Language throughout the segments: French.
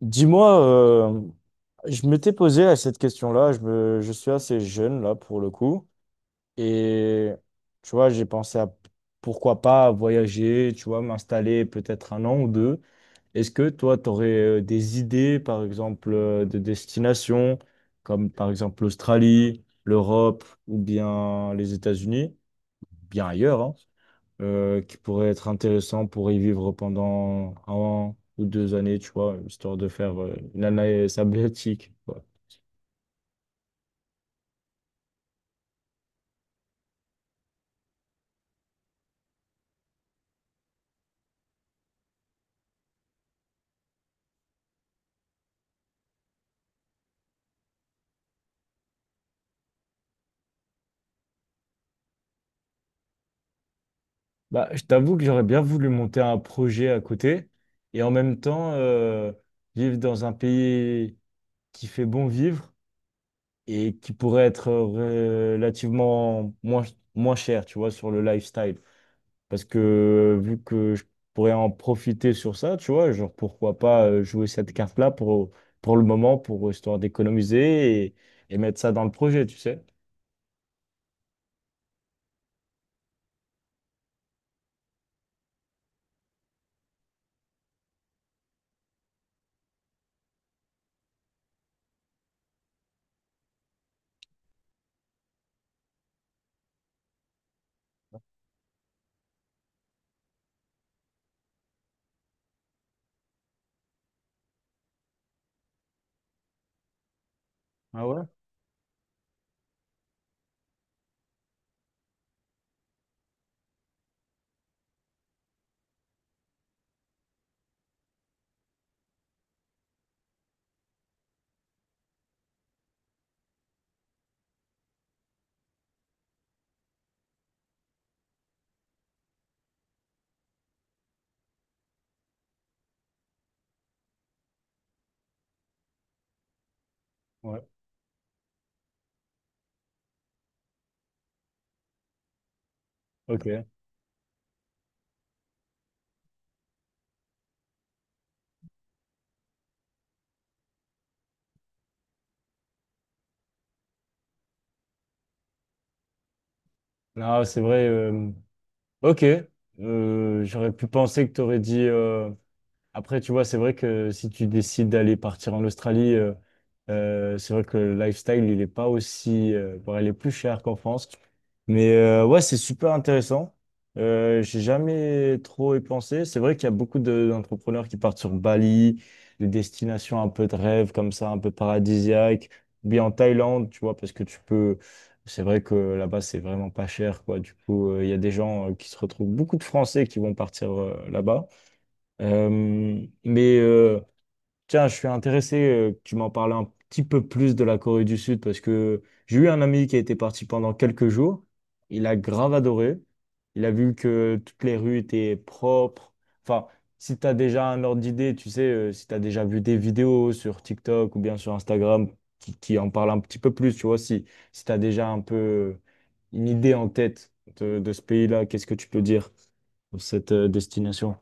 Dis-moi, euh, je m'étais posé à cette question-là, je suis assez jeune là pour le coup, et tu vois, j'ai pensé à pourquoi pas voyager, tu vois, m'installer peut-être un an ou deux. Est-ce que toi, tu aurais des idées, par exemple, de destinations, comme par exemple l'Australie, l'Europe ou bien les États-Unis, bien ailleurs, hein? Qui pourrait être intéressant pour y vivre pendant un an ou deux années, tu vois, histoire de faire une année sabbatique, quoi. Bah, je t'avoue que j'aurais bien voulu monter un projet à côté et en même temps vivre dans un pays qui fait bon vivre et qui pourrait être relativement moins cher, tu vois, sur le lifestyle. Parce que vu que je pourrais en profiter sur ça, tu vois, genre pourquoi pas jouer cette carte-là pour le moment, pour histoire d'économiser et mettre ça dans le projet, tu sais. Ah ouais? Ouais, ok. Non, c'est vrai. Ok. J'aurais pu penser que tu aurais dit. Après, tu vois, c'est vrai que si tu décides d'aller partir en Australie, c'est vrai que le lifestyle, il est pas aussi... bon, il est plus cher qu'en France. Mais ouais, c'est super intéressant. J'ai jamais trop y pensé. C'est vrai qu'il y a d'entrepreneurs qui partent sur Bali, des destinations un peu de rêve comme ça, un peu paradisiaques, ou bien en Thaïlande, tu vois, parce que tu peux. C'est vrai que là-bas, c'est vraiment pas cher, quoi. Du coup, il y a des gens qui se retrouvent, beaucoup de Français qui vont partir là-bas. Euh, mais euh, tiens, je suis intéressé que tu m'en parles un petit peu plus de la Corée du Sud parce que j'ai eu un ami qui a été parti pendant quelques jours. Il a grave adoré. Il a vu que toutes les rues étaient propres. Enfin, si tu as déjà un ordre d'idée, tu sais, si tu as déjà vu des vidéos sur TikTok ou bien sur Instagram qui en parlent un petit peu plus, tu vois, si tu as déjà un peu une idée en tête de ce pays-là, qu'est-ce que tu peux dire sur cette destination?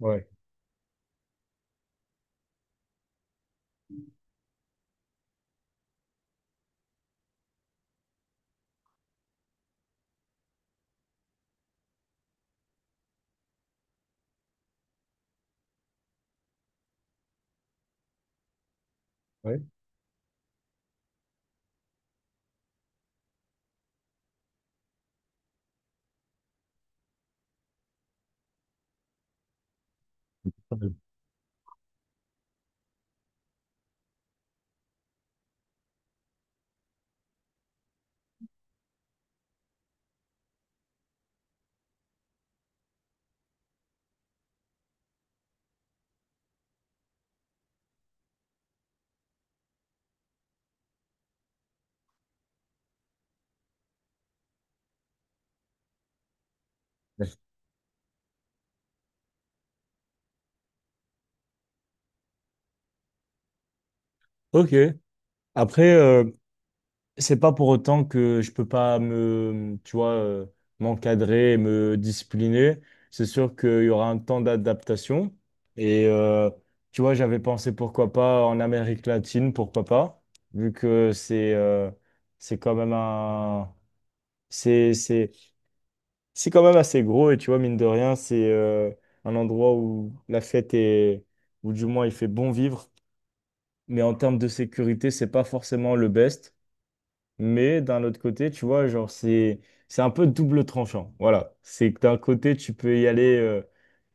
Ouais, ouais. Ok. Après, c'est pas pour autant que je peux pas me, tu vois, m'encadrer, et me discipliner. C'est sûr qu'il y aura un temps d'adaptation. Et tu vois, j'avais pensé pourquoi pas en Amérique latine, pourquoi pas, vu que c'est quand même c'est c'est quand même assez gros. Et tu vois, mine de rien, c'est un endroit où la ou du moins il fait bon vivre. Mais en termes de sécurité, c'est pas forcément le best. Mais d'un autre côté, tu vois, genre, c'est un peu double tranchant. Voilà. C'est que d'un côté, tu peux y aller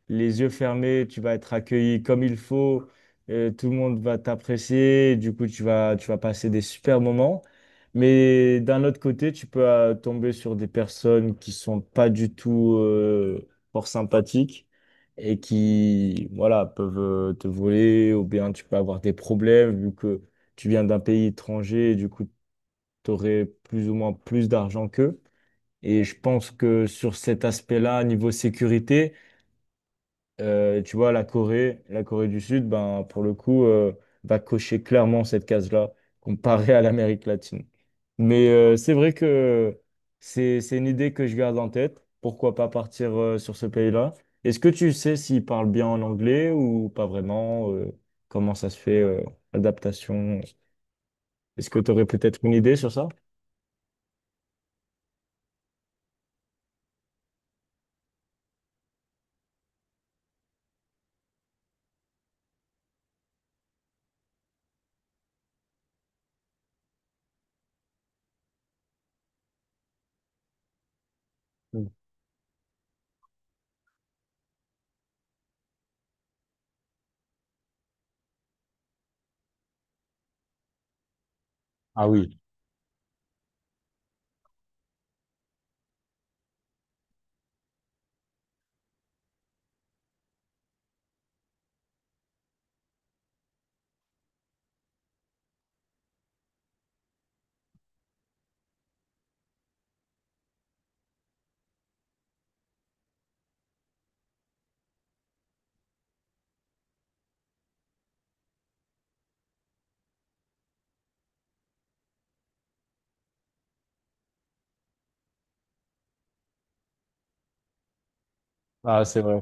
les yeux fermés, tu vas être accueilli comme il faut, tout le monde va t'apprécier, du coup, tu vas passer des super moments. Mais d'un autre côté, tu peux tomber sur des personnes qui sont pas du tout fort sympathiques et qui, voilà, peuvent te voler ou bien tu peux avoir des problèmes vu que tu viens d'un pays étranger, et du coup, tu aurais plus ou moins plus d'argent qu'eux. Et je pense que sur cet aspect-là, niveau sécurité, tu vois, la Corée du Sud, ben, pour le coup, va cocher clairement cette case-là comparée à l'Amérique latine. Mais c'est vrai que c'est une idée que je garde en tête. Pourquoi pas partir sur ce pays-là? Est-ce que tu sais s'ils parlent bien en anglais ou pas vraiment? Comment ça se fait, l'adaptation? Est-ce que tu aurais peut-être une idée sur ça? Mm. Ah, c'est vrai.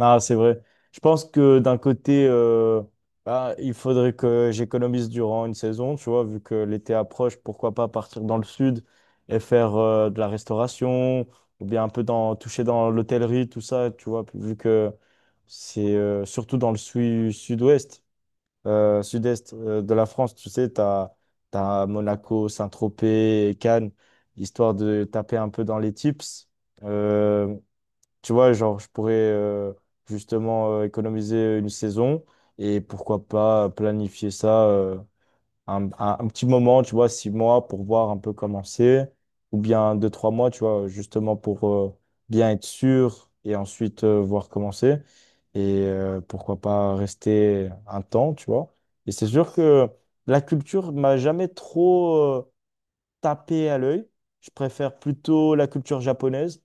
Ah, c'est vrai. Je pense que d'un côté, bah, il faudrait que j'économise durant une saison, tu vois, vu que l'été approche, pourquoi pas partir dans le sud et faire de la restauration ou bien un peu dans, toucher dans l'hôtellerie, tout ça, tu vois, vu que c'est surtout dans le sud, ouest sud-est de la France, tu sais, tu as, Monaco, Saint-Tropez, Cannes, histoire de taper un peu dans les tips. Euh, Tu vois, genre, je pourrais justement économiser une saison et pourquoi pas planifier ça. Un petit moment, tu vois, 6 mois pour voir un peu comment c'est, ou bien 2, 3 mois, tu vois, justement pour bien être sûr et ensuite voir comment c'est. Et pourquoi pas rester un temps, tu vois. Et c'est sûr que la culture m'a jamais trop tapé à l'œil. Je préfère plutôt la culture japonaise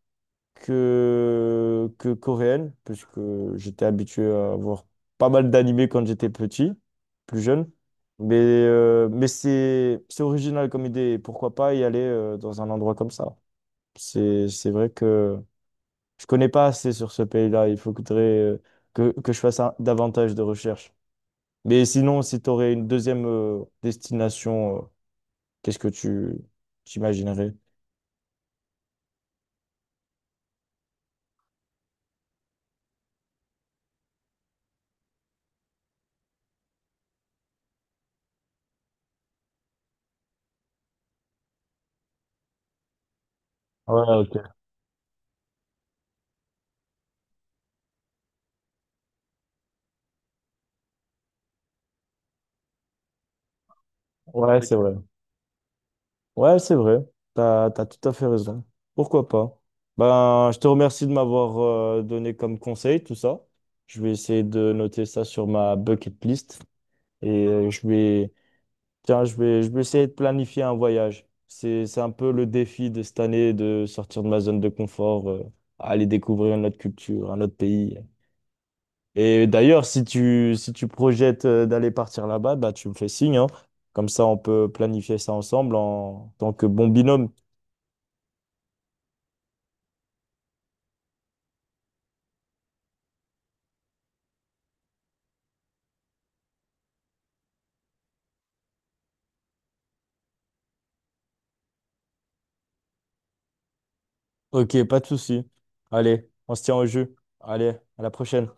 que coréenne, puisque j'étais habitué à voir pas mal d'animés quand j'étais petit, plus jeune. Mais c'est original comme idée. Et pourquoi pas y aller dans un endroit comme ça? C'est vrai que je connais pas assez sur ce pays-là. Il faudrait que je fasse davantage de recherches. Mais sinon, si tu aurais une deuxième destination, qu'est-ce que tu t'imaginerais? Ouais, ok. Ouais, c'est vrai. Ouais, c'est vrai. T'as tout à fait raison. Pourquoi pas? Ben, je te remercie de m'avoir donné comme conseil tout ça. Je vais essayer de noter ça sur ma bucket list et tiens, je vais essayer de planifier un voyage. C'est un peu le défi de cette année de sortir de ma zone de confort, aller découvrir une autre culture, un autre pays. Et d'ailleurs, si tu projettes d'aller partir là-bas, bah, tu me fais signe, hein. Comme ça, on peut planifier ça ensemble en tant que bon binôme. Ok, pas de souci. Allez, on se tient au jus. Allez, à la prochaine.